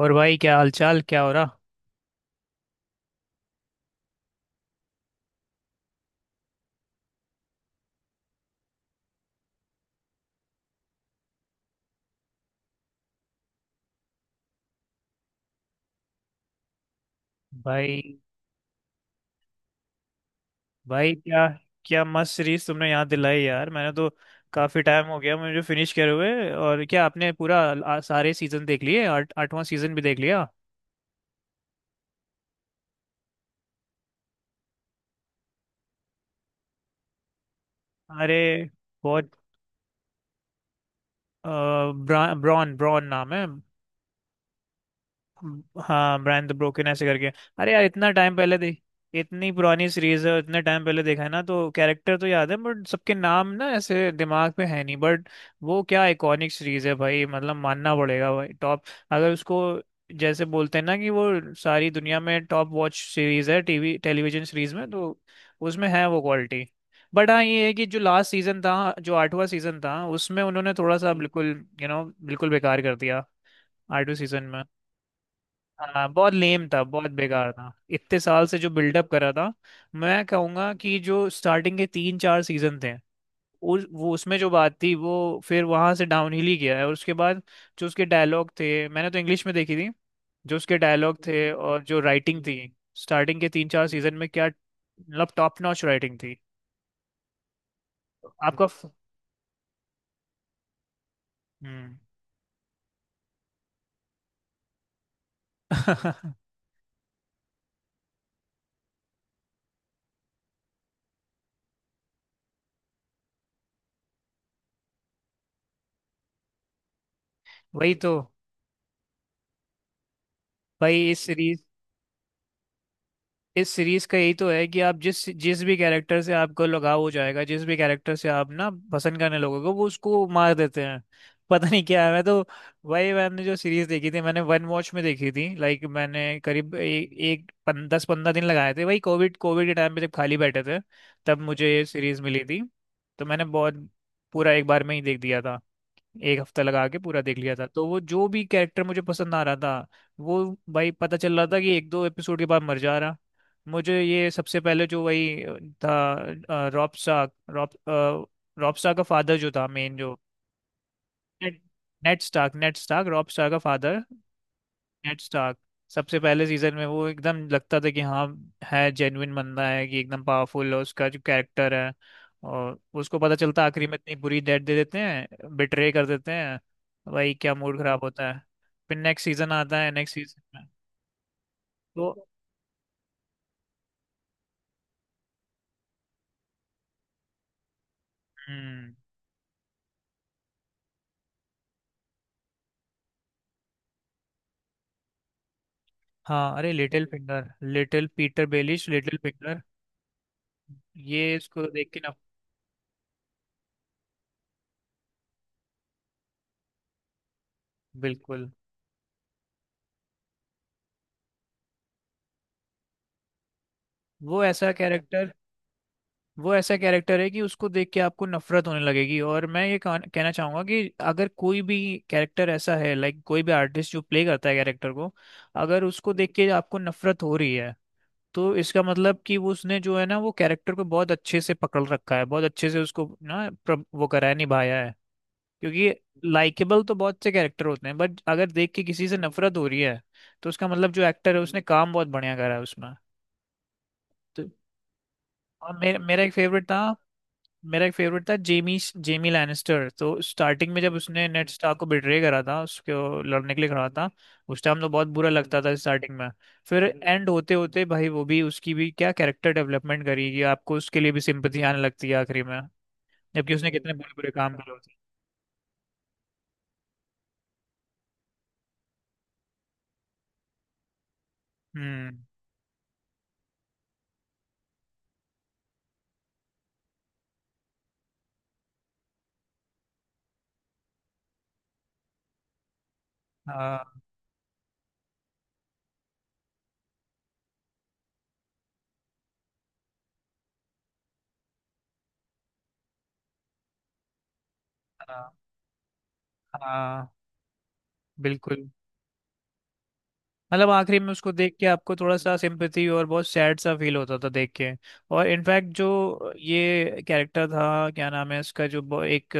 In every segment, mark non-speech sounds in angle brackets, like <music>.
और भाई क्या हालचाल क्या हो रहा भाई। भाई क्या क्या मस्त सीरीज तुमने यहाँ दिलाई यार। मैंने तो काफी टाइम हो गया मुझे फिनिश करे हुए। और क्या आपने पूरा सारे सीजन देख लिए? आठ 8वां सीजन भी देख लिया? अरे बहुत ब्रॉन ब्रॉन नाम है। हाँ, ब्रांड द ब्रोकन ऐसे करके। अरे यार, इतना टाइम पहले देख इतनी पुरानी सीरीज है, इतने टाइम पहले देखा है ना, तो कैरेक्टर तो याद है बट सबके नाम ना ऐसे दिमाग पे है नहीं, बट वो क्या आइकॉनिक सीरीज है भाई, मतलब मानना पड़ेगा भाई, टॉप। अगर उसको जैसे बोलते हैं ना कि वो सारी दुनिया में टॉप वॉच सीरीज है, टीवी टेलीविजन सीरीज में, तो उसमें है वो क्वालिटी। बट हाँ ये है कि जो लास्ट सीजन था, जो 8वां सीजन था, उसमें उन्होंने थोड़ा सा बिल्कुल यू you नो know, बिल्कुल बेकार कर दिया 8वें सीजन में। हाँ बहुत लेम था, बहुत बेकार था, इतने साल से जो बिल्डअप करा था। मैं कहूँगा कि जो स्टार्टिंग के 3 4 सीजन थे उस वो उसमें जो बात थी वो, फिर वहां से डाउन हिल ही गया है और उसके बाद जो उसके डायलॉग थे, मैंने तो इंग्लिश में देखी थी। जो उसके डायलॉग थे और जो राइटिंग थी स्टार्टिंग के 3 4 सीजन में, क्या मतलब टॉप नॉच राइटिंग थी। आपका फ- हम्म। <laughs> वही तो भाई। इस सीरीज का यही तो है कि आप जिस जिस भी कैरेक्टर से आपको लगाव हो जाएगा, जिस भी कैरेक्टर से आप ना पसंद करने लगोगे, वो उसको मार देते हैं। <laughs> पता नहीं क्या है। मैं तो वही, मैंने जो सीरीज देखी थी मैंने वन वॉच में देखी थी, लाइक मैंने करीब 10 15 दिन लगाए थे। वही कोविड कोविड के टाइम पे जब खाली बैठे थे, तब मुझे ये सीरीज मिली थी। तो मैंने बहुत पूरा एक बार में ही देख दिया था। एक हफ्ता लगा के पूरा देख लिया था, तो वो जो भी कैरेक्टर मुझे पसंद आ रहा था वो, भाई पता चल रहा था कि एक दो एपिसोड के बाद मर जा रहा। मुझे ये सबसे पहले जो वही था, रॉब स्टार्क का फादर जो था, मेन जो नेड स्टार्क रॉब स्टार्क का फादर, नेट स्टार्क। सबसे पहले सीजन में वो एकदम लगता था कि हाँ, है जेन्युइन बंदा है, कि एकदम पावरफुल है उसका जो कैरेक्टर है। और उसको पता चलता है आखिरी में, इतनी बुरी डेथ दे देते हैं, बिट्रे कर देते हैं। भाई क्या मूड खराब होता है। फिर नेक्स्ट सीजन आता है, नेक्स्ट सीजन में तो हम्म, हाँ, अरे Littlefinger, little Petyr Baelish, Littlefinger, ये इसको देख के ना, बिल्कुल। वो ऐसा कैरेक्टर वो ऐसा कैरेक्टर है कि उसको देख के आपको नफरत होने लगेगी। और मैं ये कहना कहना चाहूंगा कि अगर कोई भी कैरेक्टर ऐसा है, लाइक कोई भी आर्टिस्ट जो प्ले करता है कैरेक्टर को, अगर उसको देख के आपको नफरत हो रही है, तो इसका मतलब कि वो उसने जो है ना, वो कैरेक्टर को बहुत अच्छे से पकड़ रखा है, बहुत अच्छे से उसको ना वो करा है, निभाया है। क्योंकि लाइकेबल तो बहुत से कैरेक्टर होते हैं, बट अगर देख के किसी से नफरत हो रही है, तो उसका मतलब जो एक्टर है उसने काम बहुत बढ़िया करा है उसमें। तो और मेरा मेरा एक फेवरेट था मेरा एक फेवरेट था, जेमी जेमी लैनिस्टर। तो स्टार्टिंग में जब उसने नेड स्टार्क को बिट्रे करा था, उसको लड़ने के लिए खड़ा था, उस टाइम तो बहुत बुरा लगता था स्टार्टिंग में। फिर एंड होते होते भाई वो भी, उसकी भी क्या कैरेक्टर डेवलपमेंट करी कि आपको उसके लिए भी सिंपथी आने लगती है आखिरी में, जबकि उसने कितने बुरे बुरे काम करे होते हैं। हम्म। हाँ हाँ हाँ, बिल्कुल। मतलब आखिरी में उसको देख के आपको थोड़ा सा सिंपैथी और बहुत सैड सा फील होता था देख के। और इनफैक्ट जो ये कैरेक्टर था, क्या नाम है इसका, जो एक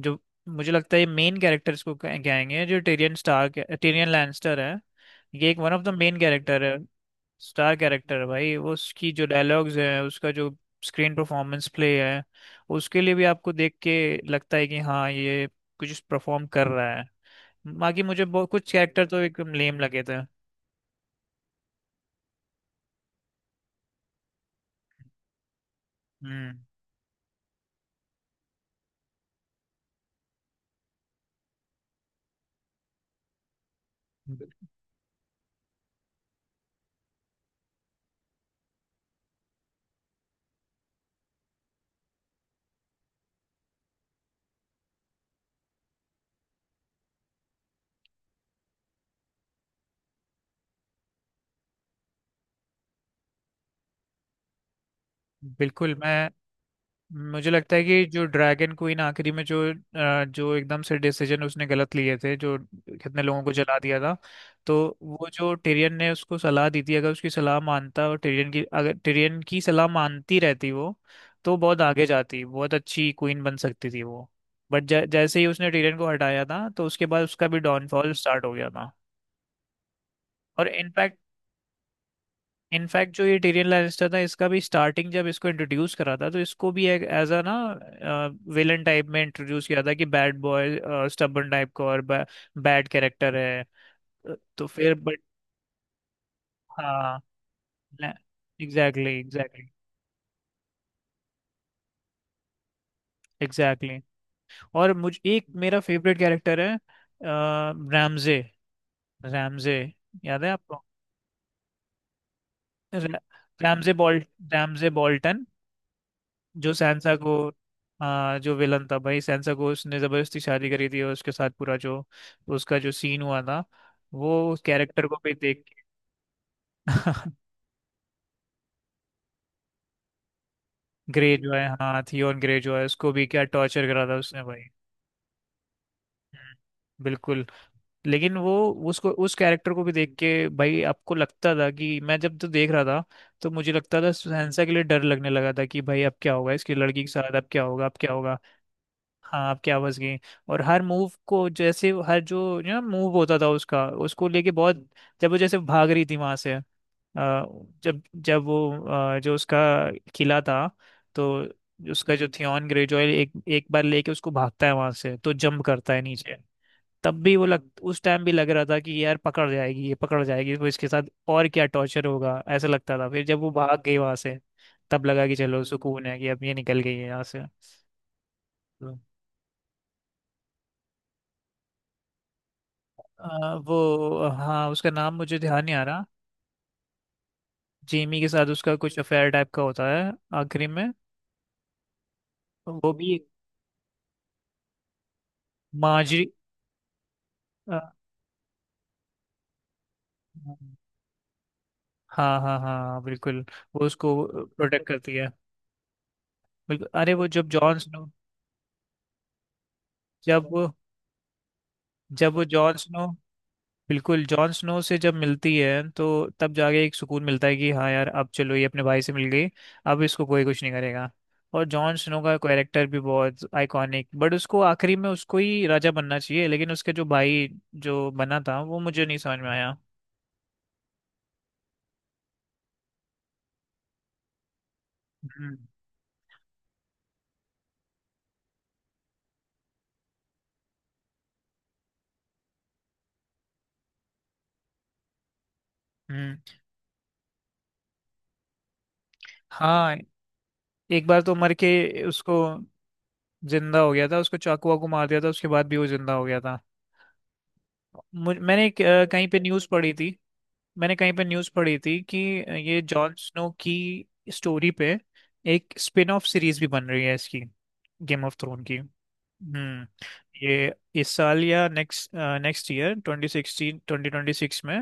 जो, मुझे लगता है ये मेन कैरेक्टर इसको कहेंगे, जो टेरियन लैनिस्टर है, ये एक one of the main character है। स्टार कैरेक्टर है भाई वो, उसकी जो डायलॉग्स है, उसका जो स्क्रीन परफॉर्मेंस प्ले है, उसके लिए भी आपको देख के लगता है कि हाँ, ये कुछ परफॉर्म कर रहा है। बाकी मुझे बहुत कुछ कैरेक्टर तो एकदम लेम लगे थे। हम्म। बिल- बिल्कुल। मैं, मुझे लगता है कि जो ड्रैगन क्वीन आखिरी में जो एकदम से डिसीजन उसने गलत लिए थे, जो कितने लोगों को जला दिया था, तो वो जो टिरियन ने उसको सलाह दी थी, अगर उसकी सलाह मानता, और टिरियन की अगर टिरियन की सलाह मानती रहती वो, तो बहुत आगे जाती, बहुत अच्छी क्वीन बन सकती थी वो, बट जैसे ही उसने टिरियन को हटाया था, तो उसके बाद उसका भी डाउनफॉल स्टार्ट हो गया था। और इनफैक्ट, जो ये टीरियन लैनिस्टर था, इसका भी स्टार्टिंग जब इसको इंट्रोड्यूस करा था, तो इसको भी एक एज अ ना विलन टाइप में इंट्रोड्यूस किया था कि बैड बॉय, स्टबर्न टाइप का और बैड कैरेक्टर है। तो फिर बट हाँ, एग्जैक्टली, एग्जैक्टली, एग्जैक्टली। और मुझे एक मेरा फेवरेट कैरेक्टर है, रैमजे, रैमजे, याद है आपको, रैमजे बॉल्ट रैमजे बॉल्टन, जो सैनसा को, जो विलन था भाई, सैनसा को उसने जबरदस्ती शादी करी थी और उसके साथ पूरा जो उसका जो सीन हुआ था, वो उस कैरेक्टर को भी देख के। <laughs> ग्रे जो है, हाँ, थियोन ग्रे जो है, उसको भी क्या टॉर्चर करा था उसने भाई। बिल्कुल। लेकिन वो, उसको उस कैरेक्टर को भी देख के भाई आपको लगता था कि, मैं जब तो देख रहा था, तो मुझे लगता था सैनसा के लिए डर लगने लगा था कि, भाई अब क्या होगा इसकी लड़की के साथ, अब क्या होगा, अब क्या होगा। हाँ, आपके आवाज की, और हर मूव को, जैसे हर जो मूव होता था, उसका, उसको लेके बहुत। जब वो जैसे भाग रही थी वहां से, जब जब वो, जो उसका किला था, तो उसका जो थियॉन ग्रेजॉय एक एक बार लेके उसको भागता है वहां से, तो जंप करता है नीचे। तब भी वो लग उस टाइम भी लग रहा था कि यार पकड़ जाएगी, ये पकड़ जाएगी, तो इसके साथ और क्या टॉर्चर होगा ऐसा लगता था। फिर जब वो भाग गई वहां से, तब लगा कि चलो सुकून है कि अब ये निकल गई है यहाँ से। वो, हाँ, उसका नाम मुझे ध्यान नहीं आ रहा। जेमी के साथ उसका कुछ अफेयर टाइप का होता है आखिरी में। वो भी, मार्जरी, आ, हाँ हाँ हाँ, बिल्कुल। वो उसको प्रोटेक्ट करती है। बिल्कुल, अरे वो जब जॉन स्नो, जब वो जब वो जॉन स्नो बिल्कुल जॉन स्नो से जब मिलती है, तो तब जाके एक सुकून मिलता है कि हाँ यार, अब चलो ये अपने भाई से मिल गई, अब इसको कोई कुछ नहीं करेगा। और जॉन स्नो का कैरेक्टर भी बहुत आइकॉनिक, बट उसको आखिरी में उसको ही राजा बनना चाहिए, लेकिन उसके जो भाई जो बना था वो मुझे नहीं समझ में आया। हम्म। हम्म। हाँ, एक बार तो मर के उसको, जिंदा हो गया था, उसको चाकू वाकू मार दिया था उसके बाद भी वो जिंदा हो गया था। मुझ मैंने कहीं पे न्यूज़ पढ़ी थी, मैंने कहीं पे न्यूज़ पढ़ी थी कि ये जॉन स्नो की स्टोरी पे एक स्पिन ऑफ सीरीज भी बन रही है इसकी, गेम ऑफ थ्रोन की। हम्म। ये इस साल या नेक्स्ट, ईयर 2026 में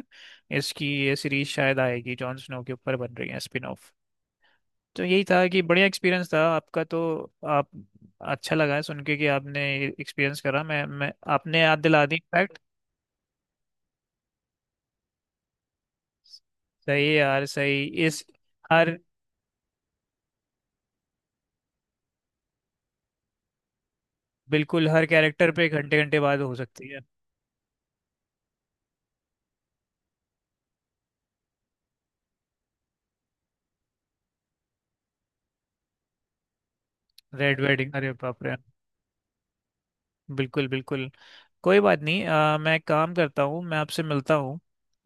इसकी ये सीरीज शायद आएगी, जॉन स्नो के ऊपर बन रही है स्पिन ऑफ। तो यही था कि बढ़िया एक्सपीरियंस था आपका तो। आप अच्छा लगा है सुन के कि आपने एक्सपीरियंस करा। मैं आपने याद दिला दी इनफैक्ट। सही है यार, सही इस हर, बिल्कुल हर कैरेक्टर पे घंटे घंटे बाद हो सकती है। रेड वेडिंग, अरे बाप रे। बिल्कुल, बिल्कुल। कोई बात नहीं। मैं एक काम करता हूँ, मैं आपसे मिलता हूँ,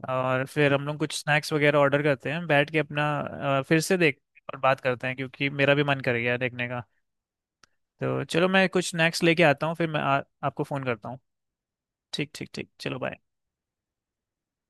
और फिर हम लोग कुछ स्नैक्स वगैरह ऑर्डर करते हैं, बैठ के अपना फिर से देख और बात करते हैं, क्योंकि मेरा भी मन कर गया देखने का। तो चलो मैं कुछ स्नैक्स लेके आता हूँ, फिर मैं आपको फ़ोन करता हूँ। ठीक, ठीक, ठीक, चलो, बाय।